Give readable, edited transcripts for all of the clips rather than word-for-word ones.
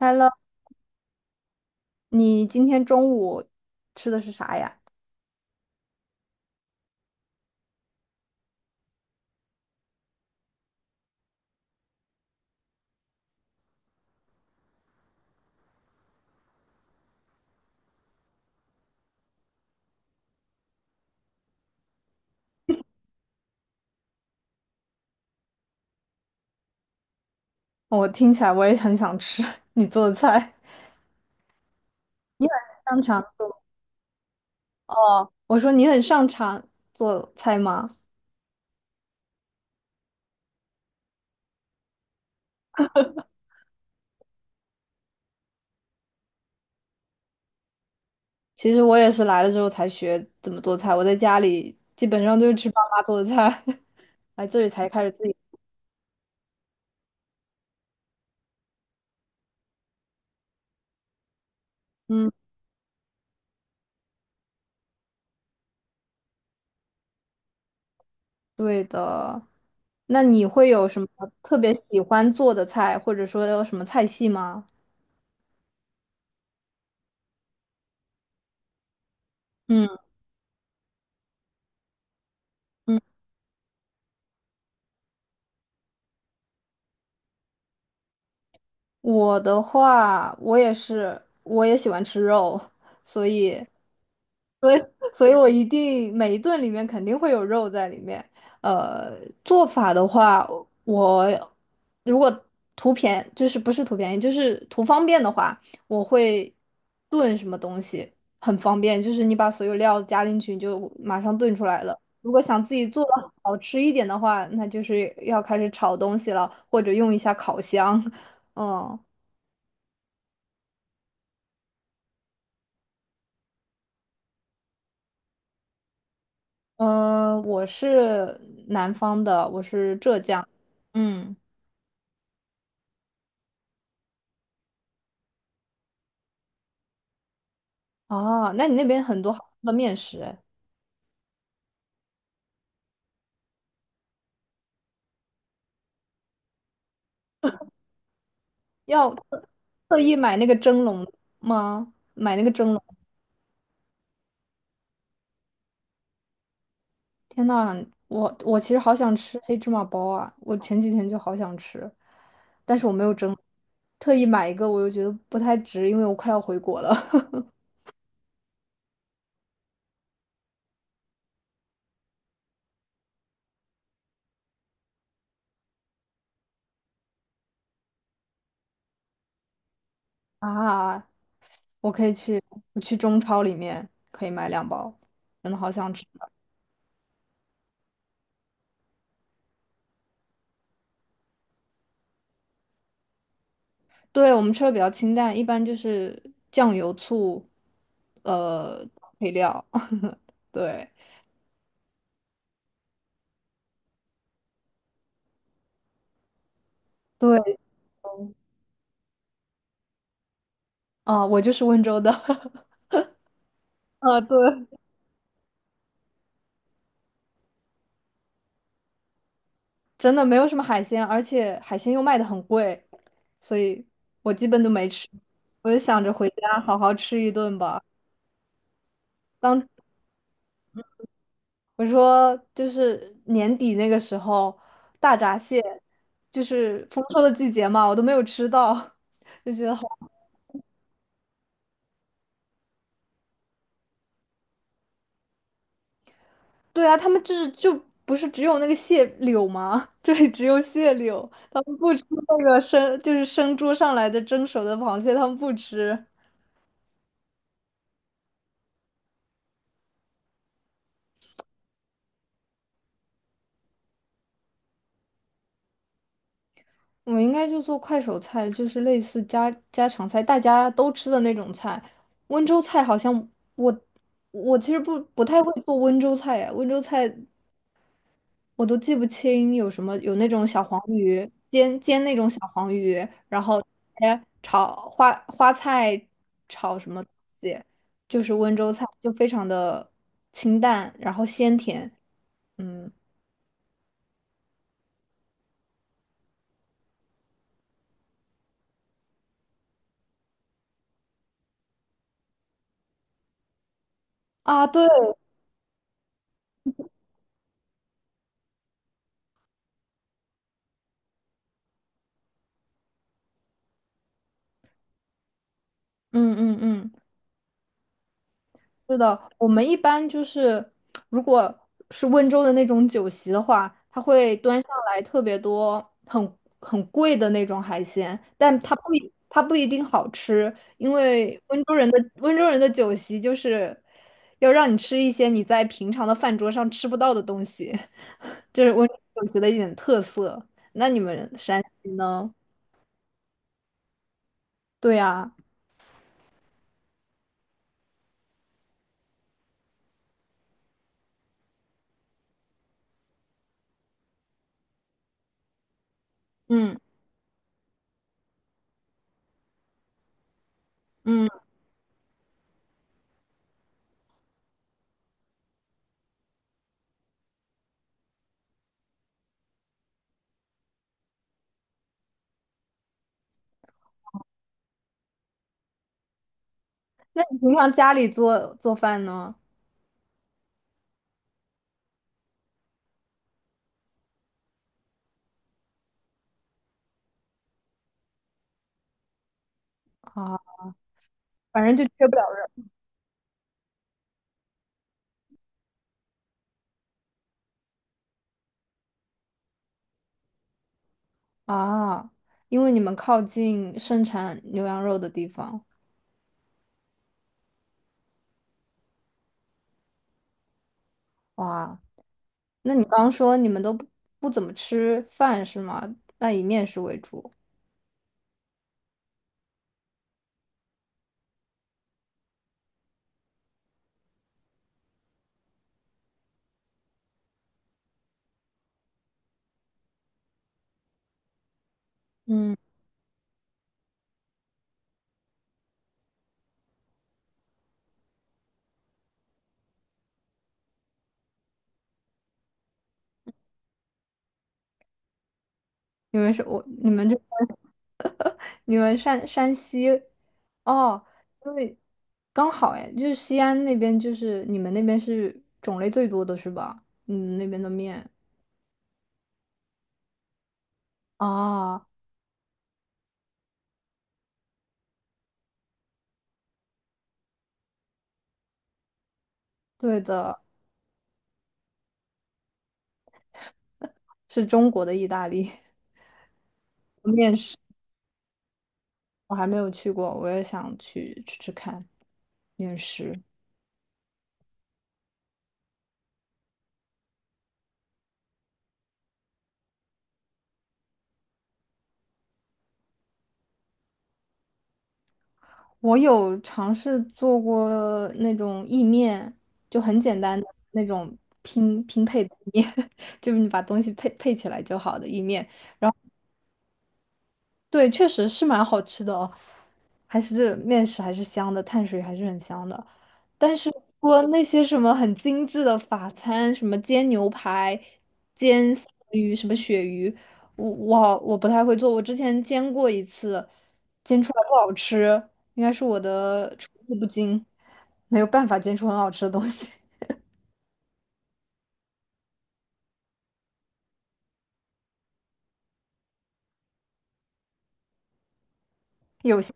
Hello，你今天中午吃的是啥呀？我听起来我也很想吃 你做的菜。你很擅长做哦，我说你很擅长做菜吗？其实我也是来了之后才学怎么做菜，我在家里基本上都是吃爸妈做的菜，来这里才开始自己。嗯，对的。那你会有什么特别喜欢做的菜，或者说有什么菜系吗？嗯嗯。我的话，我也是，我也喜欢吃肉，所以，所以，所以我一定每一顿里面肯定会有肉在里面。呃，做法的话，我如果图便，就是不是图便宜，就是图方便的话，我会炖什么东西，很方便，就是你把所有料加进去，你就马上炖出来了。如果想自己做的好吃一点的话，那就是要开始炒东西了，或者用一下烤箱。嗯，我是南方的，我是浙江。嗯，哦，那你那边很多好吃的面食诶要特意买那个蒸笼吗？买那个蒸笼？天呐，我其实好想吃黑芝麻包啊！我前几天就好想吃，但是我没有蒸，特意买一个，我又觉得不太值，因为我快要回国了。啊，我可以去，我去中超里面可以买两包，真的好想吃。对，我们吃的比较清淡，一般就是酱油、醋，呃，配料。对对，啊、我就是温州的，啊，对，真的没有什么海鲜，而且海鲜又卖的很贵，所以我基本都没吃。我就想着回家好好吃一顿吧。当我说就是年底那个时候，大闸蟹就是丰收的季节嘛，我都没有吃到，就觉得。好。对啊，他们就是不是只有那个蟹柳吗？这里只有蟹柳，他们不吃那个生，就是生捉上来的蒸熟的螃蟹，他们不吃。我应该就做快手菜，就是类似家家常菜，大家都吃的那种菜。温州菜好像我我其实不太会做温州菜呀，温州菜我都记不清有什么，有那种小黄鱼，煎那种小黄鱼，然后哎炒花菜炒什么东西，就是温州菜，就非常的清淡，然后鲜甜。嗯啊，对，嗯嗯嗯，是的，我们一般就是，如果是温州的那种酒席的话，它会端上来特别多很贵的那种海鲜，但它不一定好吃，因为温州人的酒席就是要让你吃一些你在平常的饭桌上吃不到的东西，这是温州酒席的一点特色。那你们山西呢？对呀，嗯嗯，那你平常家里做饭呢？啊，反正就缺不了。啊，因为你们靠近盛产牛羊肉的地方，哇，那你刚说你们都不怎么吃饭是吗？那以面食为主。嗯，你们是我，你们这你们山西，哦，因为刚好哎，就是西安那边，就是你们那边是种类最多的是吧？你们那边的面啊，对的，是中国的意大利 面食，我还没有去过，我也想去吃吃看面食。我有尝试做过那种意面，就很简单的那种拼配的意面，就是你把东西配起来就好的意面。对，确实是蛮好吃的哦，还是面食还是香的，碳水还是很香的。但是除了那些什么很精致的法餐，什么煎牛排、煎三文鱼、什么鳕鱼，我不太会做。我之前煎过一次，煎出来不好吃，应该是我的厨艺不精，没有办法煎出很好吃的东西。有些，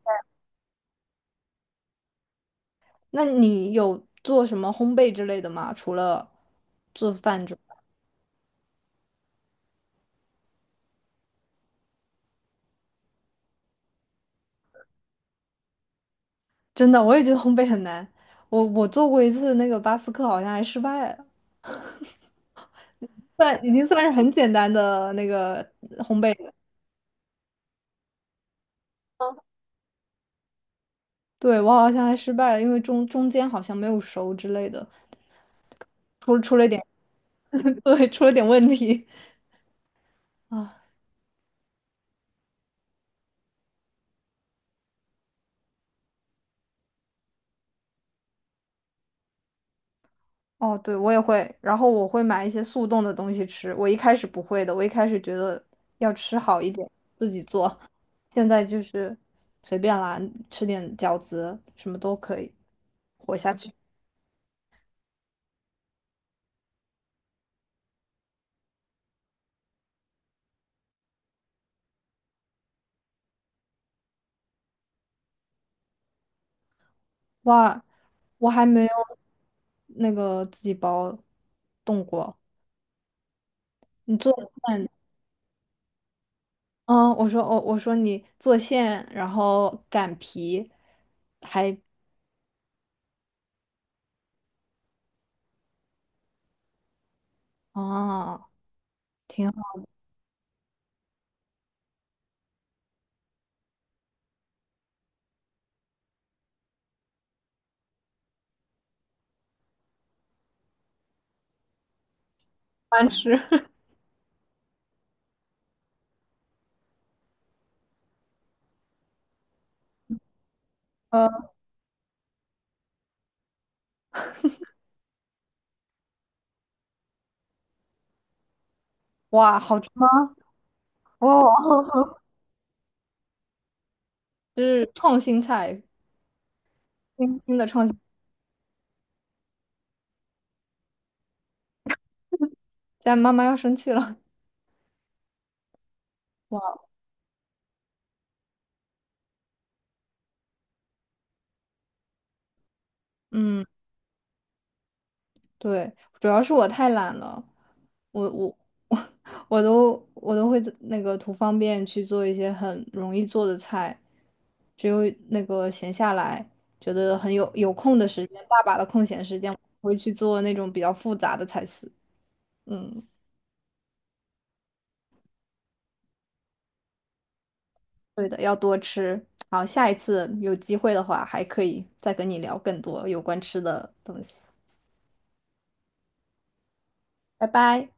那你有做什么烘焙之类的吗？除了做饭之外真的，我也觉得烘焙很难。我做过一次那个巴斯克，好像还失败了，算已经算是很简单的那个。对，我好像还失败了，因为中间好像没有熟之类的，出了一点，对，出了点问题啊。哦，对，我也会，然后我会买一些速冻的东西吃。我一开始不会的，我一开始觉得要吃好一点，自己做，现在就是随便啦，吃点饺子什么都可以活下去。哇，我还没有那个自己包动过。你做馅，我说你做馅，然后擀皮，还啊，挺好难吃。呃，哇，好吃吗？哦，这是创新菜，新新的创新。但妈妈要生气了。哇，嗯。对，主要是我太懒了，我 我我都会那个图方便去做一些很容易做的菜，只有那个闲下来，觉得很有空的时间，大把的空闲时间，我会去做那种比较复杂的菜式。嗯，对的，要多吃。好，下一次有机会的话，还可以再跟你聊更多有关吃的东西。拜拜。